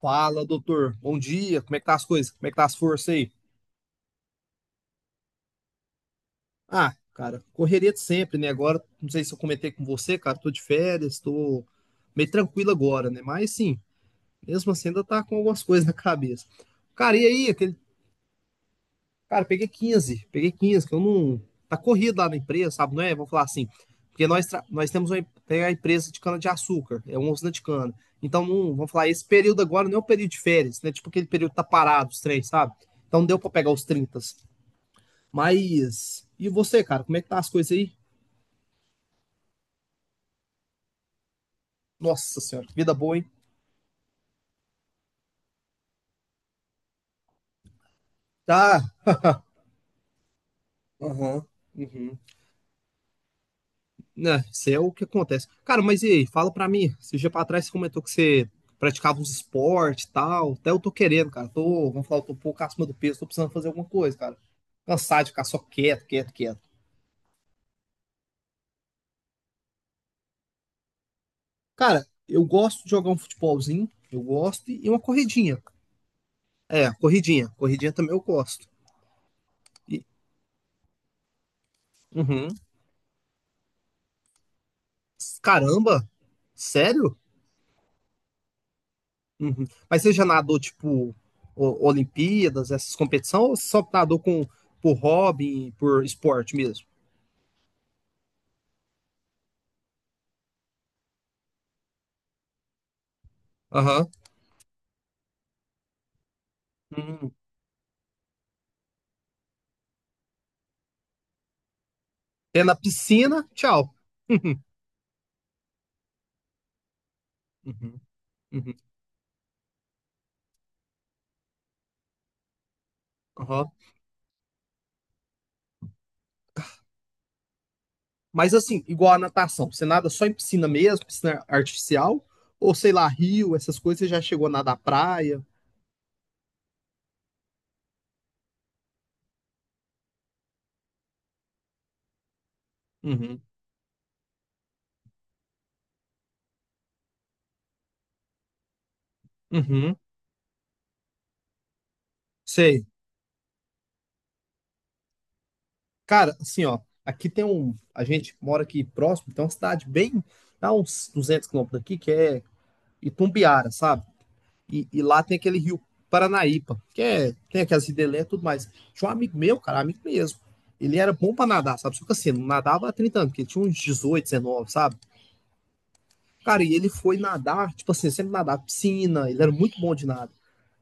Fala, doutor. Bom dia. Como é que tá as coisas? Como é que tá as forças aí? Ah, cara, correria de sempre, né? Agora, não sei se eu comentei com você, cara, tô de férias, tô meio tranquilo agora, né? Mas sim, mesmo assim ainda tá com algumas coisas na cabeça. Cara, e aí, aquele, cara, peguei 15, peguei 15. Que eu não tá corrido lá na empresa, sabe? Não é? Vou falar assim, porque nós temos tem a empresa de cana-de-açúcar, é uma usina de cana. Então, não, vamos falar, esse período agora não é o período de férias, né? Tipo aquele período que tá parado os três, sabe? Então, não deu pra pegar os 30. Mas. E você, cara, como é que tá as coisas aí? Nossa senhora, que vida boa, hein? Tá. Aham. Uhum. Né, isso é o que acontece. Cara, mas e aí, fala pra mim. Esse dia pra trás você comentou que você praticava uns esportes e tal. Até eu tô querendo, cara. Tô, vamos falar, eu tô um pouco acima do peso, tô precisando fazer alguma coisa, cara. Cansado de ficar só quieto, quieto, quieto. Cara, eu gosto de jogar um futebolzinho, eu gosto, e uma corridinha. É, corridinha. Corridinha também eu gosto. E- uhum. Caramba, sério? Uhum. Mas seja nadou, tipo, Olimpíadas, essas competições, ou só nadou com, por hobby, por esporte mesmo? Aham. Hum. É na piscina, tchau. Uhum. Uhum. Uhum. Aham. Mas assim, igual a natação, você nada só em piscina mesmo, piscina artificial, ou sei lá, rio, essas coisas, você já chegou a nadar praia? Uhum. Uhum. Sei. Cara, assim, ó, aqui tem um. A gente mora aqui próximo, tem uma cidade bem. Dá uns 200 km daqui, que é Itumbiara, sabe? E lá tem aquele rio Paranaípa, que é, tem aquelas ridelé tudo mais. Tinha um amigo meu, cara, amigo mesmo. Ele era bom pra nadar, sabe? Só que assim, não nadava há 30 anos, porque ele tinha uns 18 19, sabe? Cara, e ele foi nadar, tipo assim, sempre nadar piscina, ele era muito bom de nada.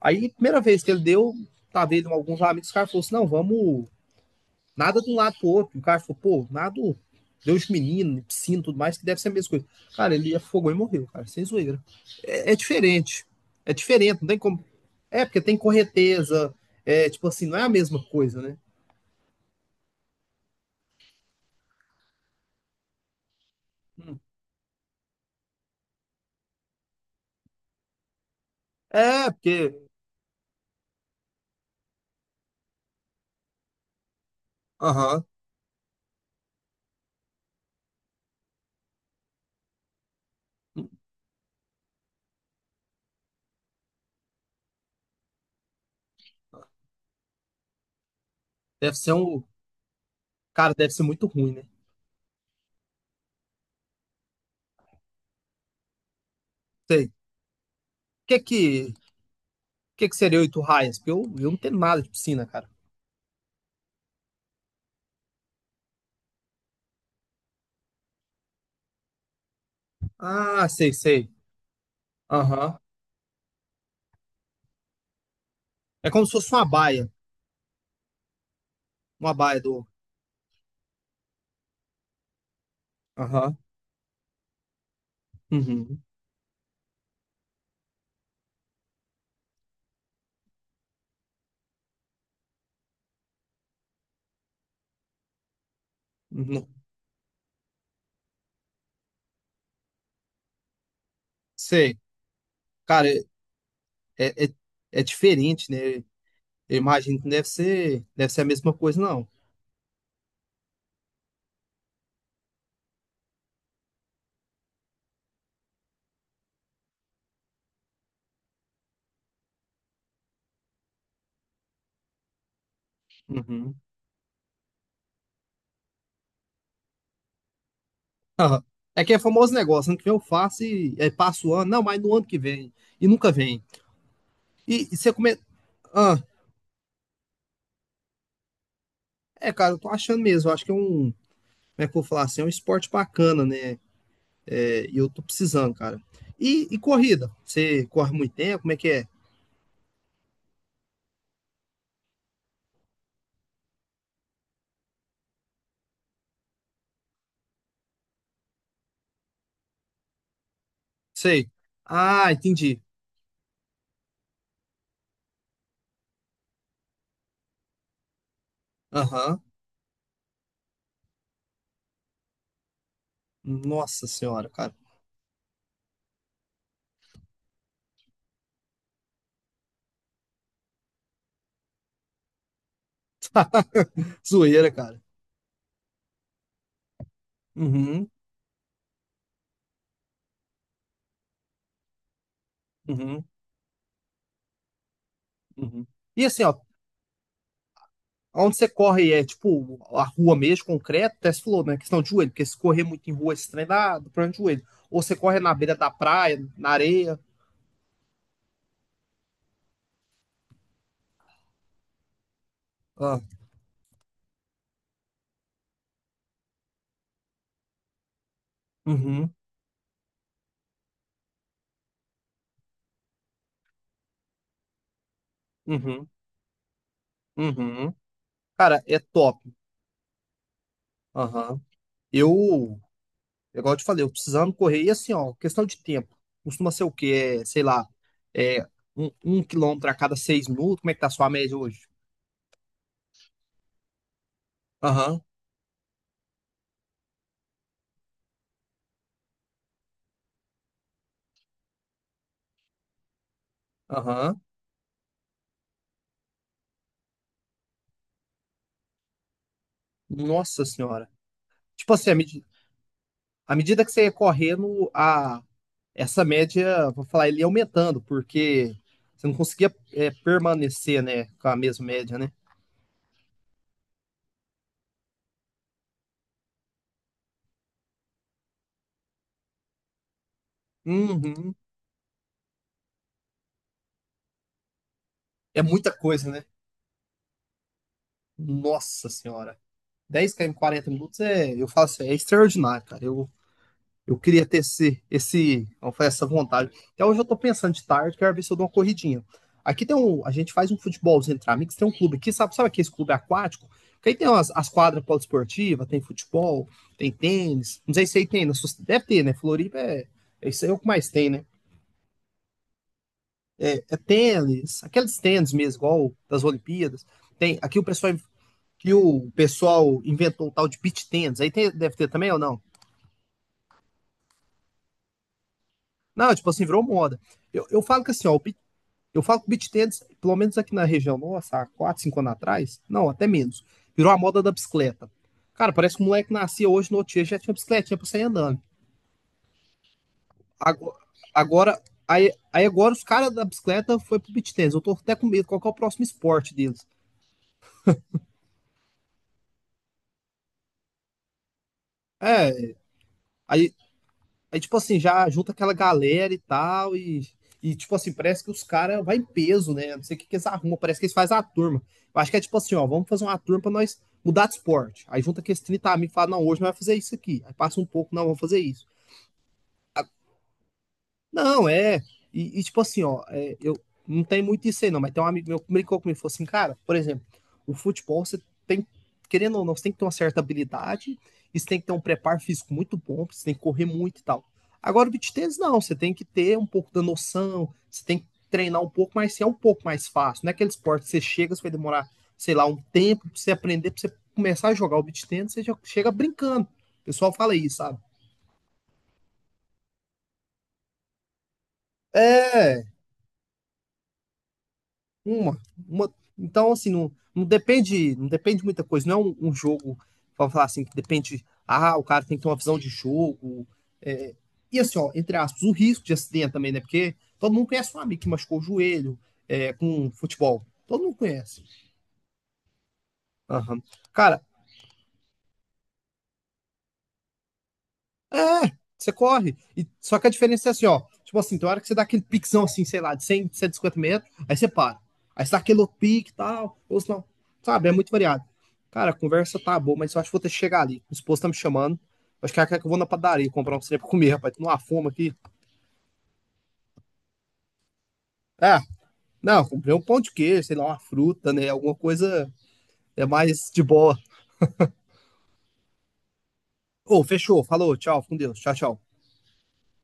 Aí, primeira vez que ele deu, tava ele com alguns amigos, o cara falou assim, não, vamos, nada de um lado pro outro. O cara falou, pô, nada, Deus menino, piscina, tudo mais, que deve ser a mesma coisa. Cara, ele afogou e morreu, cara, sem zoeira é diferente. É diferente, não tem como. É, porque tem correnteza. É, tipo assim, não é a mesma coisa, né? Hum. É, porque. Aham. Deve ser um. Cara, deve ser muito ruim, né? Sei. O que que seria oito raias? Porque eu não tenho nada de piscina, cara. Ah, sei, sei. Aham. É como se fosse uma baia. Uma baia do. Aham. Uhum. Uhum. Sei. Cara, é, é, é diferente, né? Eu imagino que não deve ser, deve ser a mesma coisa, não. Uhum. Aham. É que é famoso negócio, ano que vem eu faço e aí passa o ano, não, mas no ano que vem, e nunca vem. E você come... Ah, é, cara, eu tô achando mesmo, eu acho que é um, como é que eu vou falar assim, é um esporte bacana, né? É, e eu tô precisando, cara. E corrida, você corre muito tempo, como é que é? Sei. Ah, entendi. Aham. Nossa senhora, cara. Zoeira, cara. Uhum, uhum, uhum. E assim, ó, onde você corre é tipo a rua mesmo, concreto, até se falou, né? Questão de joelho, porque se correr muito em rua, esse trem dá problema de joelho. Ou você corre na beira da praia, na areia. Ah, uhum, uhum, uhum. Cara, é top. Aham. Eu, igual eu te falei, eu precisando correr, e assim, ó, questão de tempo. Costuma ser o quê? É, sei lá, é um quilômetro a cada 6 minutos. Como é que tá a sua média hoje? Aham, aham. Nossa senhora. Tipo assim, a minha. À medida que você ia correndo, a, essa média, vou falar, ele ia aumentando, porque você não conseguia é, permanecer, né, com a mesma média, né? Uhum. É muita coisa, né? Nossa senhora. 10 km em 40 minutos é, eu falo assim, é extraordinário, cara. Eu queria ter esse, vamos falar, essa vontade. Até hoje eu tô pensando de tarde, quero ver se eu dou uma corridinha. Aqui tem um, a gente faz um futebolzinho entre amigos, tem um clube aqui, sabe, sabe aqui esse clube aquático? Que aí tem umas, as quadras poliesportivas, tem futebol, tem tênis, não sei se aí tem, deve ter, né? Floripa é, é isso aí é o que mais tem, né? É tênis, aqueles tênis mesmo, igual das Olimpíadas. Tem, aqui o pessoal que o pessoal inventou o tal de beach tênis, aí tem, deve ter também ou não? Não, tipo assim, virou moda. Eu falo que assim, ó, o eu falo que o beach tennis, pelo menos aqui na região nossa, há 4, 5 anos atrás, não, até menos, virou a moda da bicicleta. Cara, parece que o moleque nascia hoje no outro dia, já tinha bicicletinha pra sair andando. Ago- Agora, aí agora os caras da bicicleta foi pro beach tennis. Eu tô até com medo, qual que é o próximo esporte deles? É, aí, Aí tipo assim, já junta aquela galera e tal, e tipo assim, parece que os caras vai em peso, né? Não sei o que, que eles arrumam, parece que eles fazem a turma. Eu acho que é tipo assim, ó, vamos fazer uma turma pra nós mudar de esporte. Aí junta aqueles 30 amigos e fala, não, hoje nós vamos fazer isso aqui. Aí passa um pouco, não, vamos fazer isso. Não, é. E, tipo assim, ó, é, eu não tem muito isso aí, não, mas tem um amigo meu que brincou comigo, falou assim, cara, por exemplo, o futebol você tem, querendo ou não, você tem que ter uma certa habilidade, e você tem que ter um preparo físico muito bom, você tem que correr muito e tal. Agora, o beach tennis, não, você tem que ter um pouco da noção, você tem que treinar um pouco, mas é um pouco mais fácil. Não é aquele esporte que você chega, você vai demorar, sei lá, um tempo pra você aprender, pra você começar a jogar o beach tennis, você já chega brincando. O pessoal fala isso, sabe? É, uma, uma. Então, assim, não, não depende, não depende de muita coisa. Não é um jogo, vamos falar assim, que depende. Ah, o cara tem que ter uma visão de jogo. É. E assim, ó, entre aspas, o risco de acidente também, né? Porque todo mundo conhece um amigo que machucou o joelho é, com futebol. Todo mundo conhece. Aham. Cara, é, você corre. E, só que a diferença é assim, ó. Tipo assim, tem hora que você dá aquele piquezão assim, sei lá, de 100, 150 metros, aí você para. Aí você dá aquele outro pique e tal, ou se não, sabe, é muito variado. Cara, a conversa tá boa, mas eu acho que vou ter que chegar ali. O esposo tá me chamando. Acho que ela quer que eu vou na padaria comprar um trem pra comer, rapaz. Tô numa fome aqui. É, não, eu comprei um pão de queijo, sei lá, uma fruta, né? Alguma coisa é mais de boa. Ô, fechou, falou, tchau, fica com Deus, tchau, tchau.